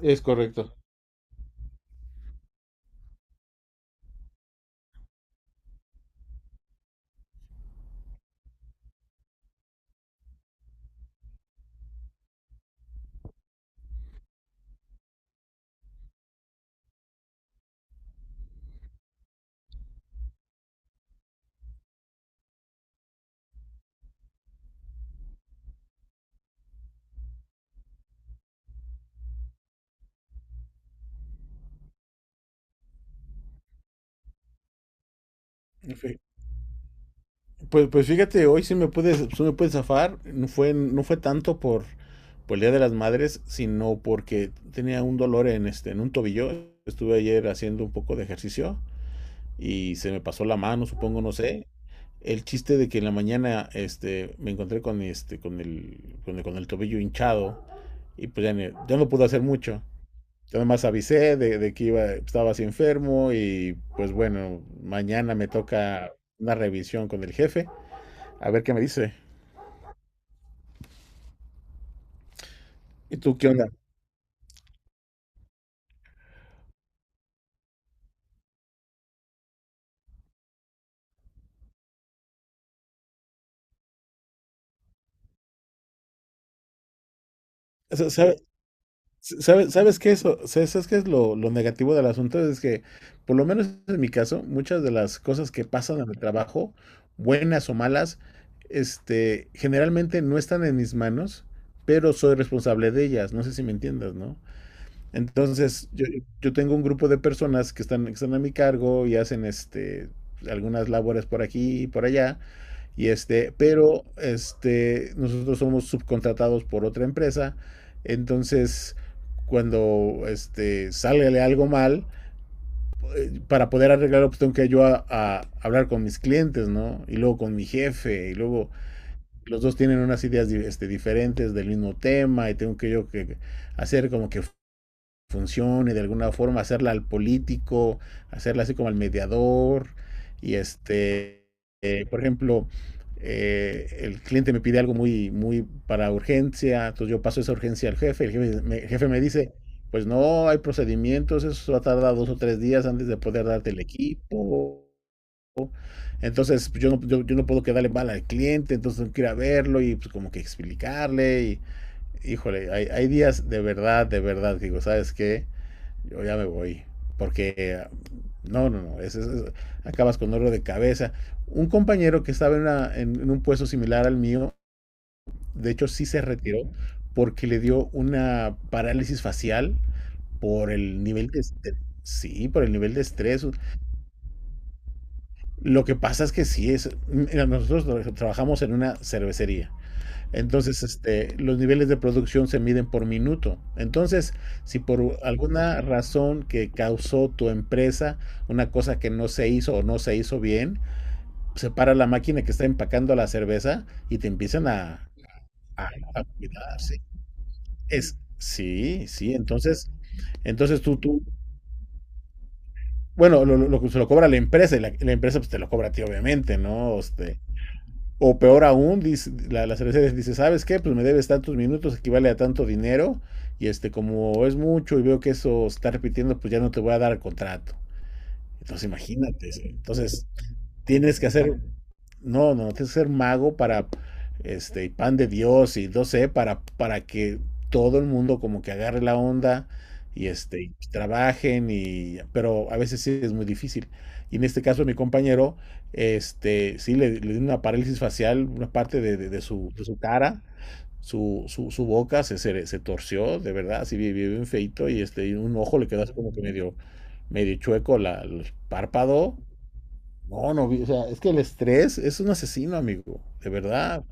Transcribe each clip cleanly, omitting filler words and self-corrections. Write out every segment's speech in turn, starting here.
Es correcto. Pues, fíjate, hoy sí me pude, zafar. No fue, tanto por el Día de las Madres, sino porque tenía un dolor en, en un tobillo. Estuve ayer haciendo un poco de ejercicio y se me pasó la mano, supongo, no sé. El chiste de que en la mañana me encontré con, este, con, el, con, el, con el tobillo hinchado y pues ya, ya no pude hacer mucho. Yo nomás avisé de, que iba, estaba así enfermo y pues bueno, mañana me toca una revisión con el jefe a ver qué me dice. ¿Y tú qué onda? ¿Sabes, ¿Sabes qué es lo, negativo del asunto? Es que, por lo menos en mi caso, muchas de las cosas que pasan en el trabajo, buenas o malas, generalmente no están en mis manos, pero soy responsable de ellas. No sé si me entiendas, ¿no? Entonces, yo tengo un grupo de personas que están, a mi cargo y hacen algunas labores por aquí y por allá. Nosotros somos subcontratados por otra empresa. Entonces, cuando sale algo mal, para poder arreglarlo, pues tengo que yo a, hablar con mis clientes, ¿no? Y luego con mi jefe, y luego los dos tienen unas ideas diferentes del mismo tema, y tengo que yo que hacer como que funcione de alguna forma, hacerla al político, hacerla así como al mediador. Y este, por ejemplo, el cliente me pide algo muy, muy para urgencia, entonces yo paso esa urgencia al jefe, el jefe me dice, pues no, hay procedimientos, eso va a tardar 2 o 3 días antes de poder darte el equipo. Entonces pues, yo no puedo quedarle mal al cliente, entonces tengo que ir a verlo y pues como que explicarle. Y, híjole, hay, días de verdad, digo, ¿sabes qué? Yo ya me voy. Porque no, no, no, es, acabas con oro de cabeza. Un compañero que estaba en, en un puesto similar al mío, de hecho sí se retiró porque le dio una parálisis facial por el nivel de estrés. Sí, por el nivel de estrés. Lo que pasa es que sí es. Mira, nosotros trabajamos en una cervecería. Entonces, los niveles de producción se miden por minuto. Entonces, si por alguna razón que causó tu empresa una cosa que no se hizo o no se hizo bien, se para la máquina que está empacando la cerveza y te empiezan a, a, a cuidar, ¿sí? Es, sí, sí, entonces, entonces tú, tú, bueno, se lo cobra la empresa y la empresa pues te lo cobra a ti, obviamente, ¿no? O peor aún, dice, la cervecería dice, ¿sabes qué? Pues me debes tantos minutos, equivale a tanto dinero, y como es mucho y veo que eso está repitiendo, pues ya no te voy a dar el contrato. Entonces imagínate, sí. Entonces tienes que hacer no, no, tienes que ser mago para, y pan de Dios y no sé, para, que todo el mundo como que agarre la onda y trabajen y, pero a veces sí es muy difícil. Y en este caso mi compañero, sí le, dio una parálisis facial, una parte de su, cara, su boca se, se, torció, de verdad, así bien, bien bien feito y un ojo le quedó así como que medio, medio chueco la, el párpado no, no, o sea, es que el estrés es un asesino, amigo, de verdad.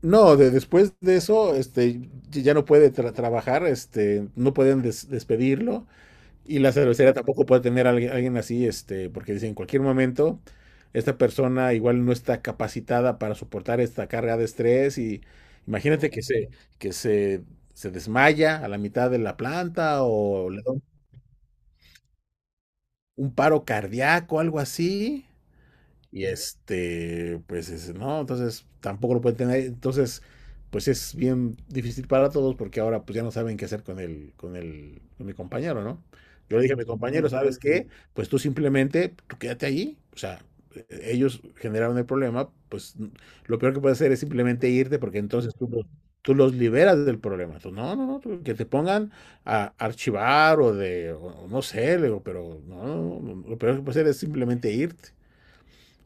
No, después de eso, ya ya no puede trabajar, no pueden despedirlo y la cervecería tampoco puede tener a alguien, así, porque dicen, en cualquier momento esta persona igual no está capacitada para soportar esta carga de estrés y imagínate que se, que se, se desmaya a la mitad de la planta o le da un paro cardíaco, algo así. Y pues no, entonces tampoco lo pueden tener. Entonces, pues es bien difícil para todos porque ahora pues ya no saben qué hacer con el, con mi compañero, ¿no? Yo le dije a mi compañero, ¿sabes qué? Pues tú simplemente, tú quédate allí. O sea, ellos generaron el problema, pues lo peor que puedes hacer es simplemente irte porque entonces tú los liberas del problema. Tú, no, no, no, que te pongan a archivar o de, o no sé, le digo, pero no, no, no, no, lo peor que puedes hacer es simplemente irte.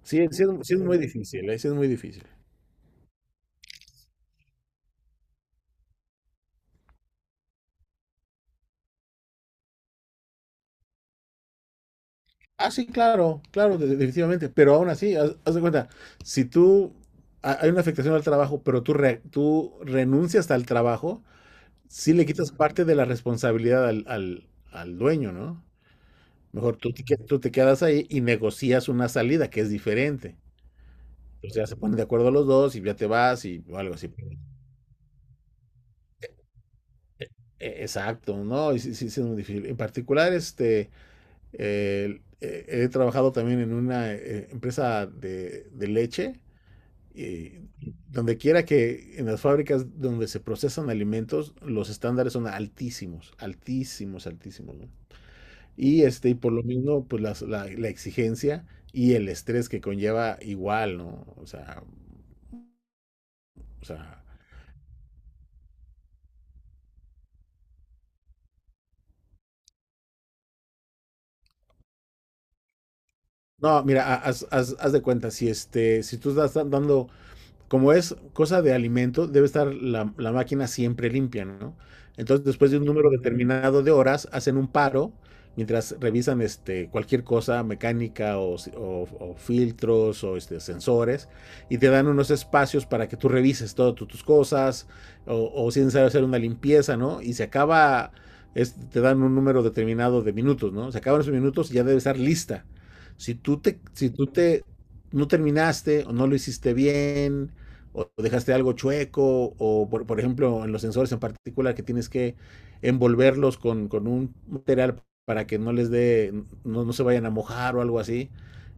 Sí, sí es muy difícil, sí es muy difícil. Ah, sí, claro, claro, definitivamente, pero aún así, haz, de cuenta, si tú, hay una afectación al trabajo, pero tú, tú renuncias al trabajo, sí le quitas parte de la responsabilidad al, al dueño, ¿no? Mejor tú te quedas ahí y negocias una salida que es diferente. Entonces ya se ponen de acuerdo los dos y ya te vas y o algo así. E- Exacto, ¿no? Y sí, sí, sí es muy difícil. En particular, este... He trabajado también en una empresa de, leche y donde quiera que en las fábricas donde se procesan alimentos, los estándares son altísimos, altísimos, altísimos, ¿no? Y por lo mismo, pues la exigencia y el estrés que conlleva igual, ¿no? O sea, o sea, no, mira, haz de cuenta, si tú estás dando como es cosa de alimento, debe estar la, máquina siempre limpia, ¿no? Entonces, después de un número determinado de horas, hacen un paro mientras revisan cualquier cosa mecánica o, si, o filtros o sensores y te dan unos espacios para que tú revises todas tus cosas o, si es necesario hacer una limpieza, ¿no? Y se acaba, te dan un número determinado de minutos, ¿no? Se acaban esos minutos y ya debe estar lista. Si tú te, si tú te no terminaste o no lo hiciste bien o dejaste algo chueco, o por, ejemplo en los sensores en particular que tienes que envolverlos con, un material para que no les dé, no, no, se vayan a mojar o algo así,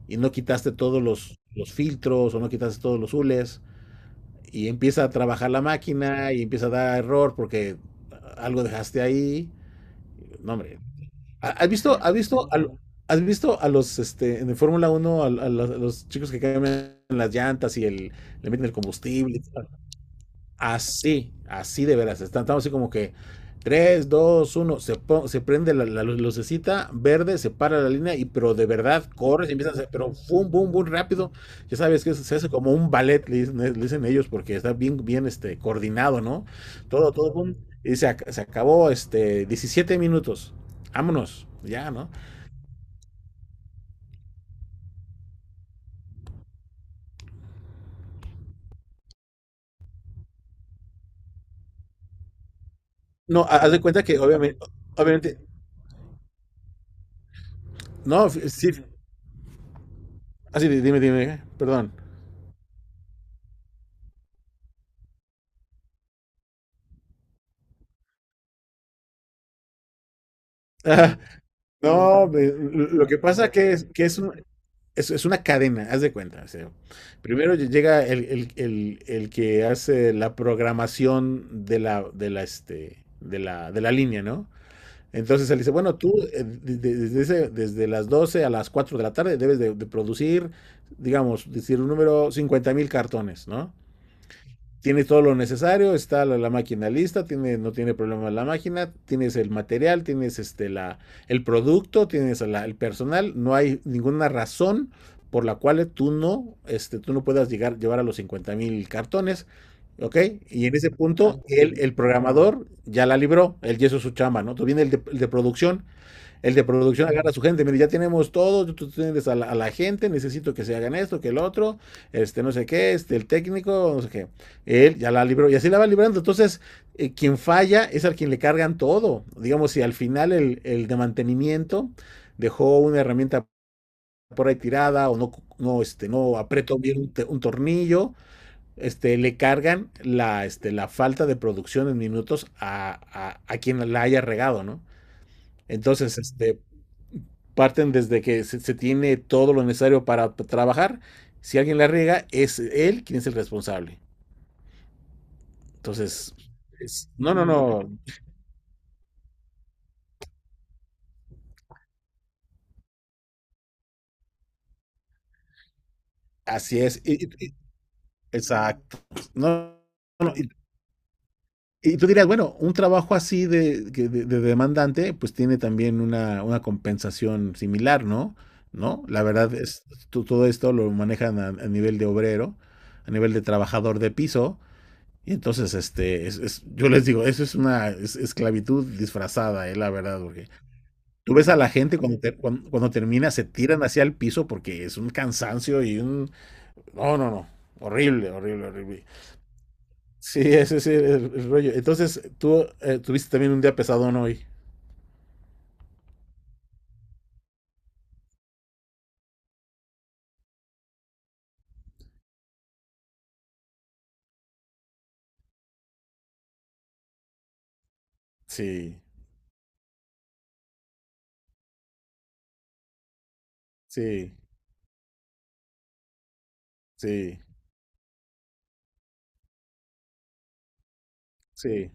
y no quitaste todos los, filtros o no quitaste todos los hules, y empieza a trabajar la máquina y empieza a dar error porque algo dejaste ahí. No, hombre. ¿Has visto, has visto, a, has visto a los, en Fórmula 1 a, los chicos que cambian las llantas y le meten el combustible? Así, así de veras. Estamos así como que tres dos uno se, se prende la, lucecita verde, se para la línea, y pero de verdad corres y empiezas a hacer, pero boom, boom, boom, rápido. Ya sabes que se hace como un ballet, le dicen ellos, porque está bien, bien coordinado, ¿no? Todo, todo, boom. Y se, se acabó 17 minutos. Vámonos, ya, ¿no? No, haz de cuenta que obviamente, obviamente, no, sí, así, dime, dime, perdón. No, pues, lo que pasa que es, es una cadena, haz de cuenta. O sea, primero llega el, el que hace la programación de la, de la línea, ¿no? Entonces él dice, bueno, tú desde, desde las 12 a las 4 de la tarde debes de, producir, digamos, decir un número 50.000 cartones, ¿no? Tiene todo lo necesario, está la, máquina lista, tiene, no tiene problema la máquina, tienes el material, tienes el producto, tienes la, el personal, no hay ninguna razón por la cual tú no puedas llegar, llevar a los 50.000 cartones, ¿ok? Y en ese punto, el, programador ya la libró, él ya hizo su chamba, ¿no? Tú viene el de producción agarra a su gente, mire, ya tenemos todo, tú tienes gente, necesito que se hagan esto, que el otro, no sé qué, el técnico, no sé qué. Él ya la libró y así la va librando. Entonces, quien falla es al quien le cargan todo. Digamos, si al final el de mantenimiento dejó una herramienta por ahí tirada o no, no, no apretó bien un, tornillo, le cargan la falta de producción en minutos a, quien la haya regado, ¿no? Entonces, parten desde que se, tiene todo lo necesario para trabajar. Si alguien la riega, es él quien es el responsable. Entonces, no, no, no, así es. Exacto. No, no, no, y, tú dirías, bueno, un trabajo así de, que de demandante, pues tiene también una, compensación similar, ¿no? ¿No? La verdad es, todo esto lo manejan a, nivel de obrero, a nivel de trabajador de piso. Y entonces, yo les digo, eso es una esclavitud disfrazada, la verdad, porque tú ves a la gente cuando, cuando termina, se tiran hacia el piso porque es un cansancio y un... No, no, no, horrible, horrible, horrible. Sí, ese es el, el rollo. Entonces, tú tuviste también un día pesado, ¿no?, hoy. Sí, sí, sí, sí.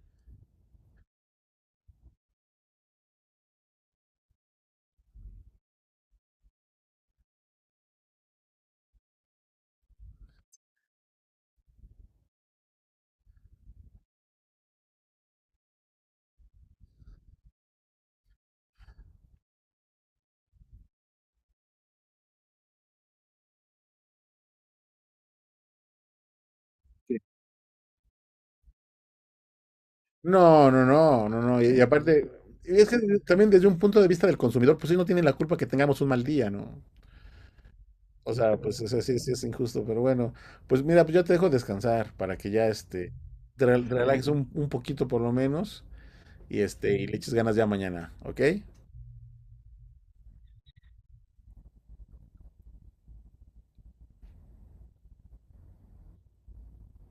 No, no, no, no, no. Y aparte, es que también desde un punto de vista del consumidor, pues sí, no tiene la culpa que tengamos un mal día, ¿no? O sea, pues o sea, sí, sí es injusto, pero bueno, pues mira, pues yo te dejo descansar para que ya te relajes un, poquito por lo menos y le eches ganas ya mañana, ¿ok?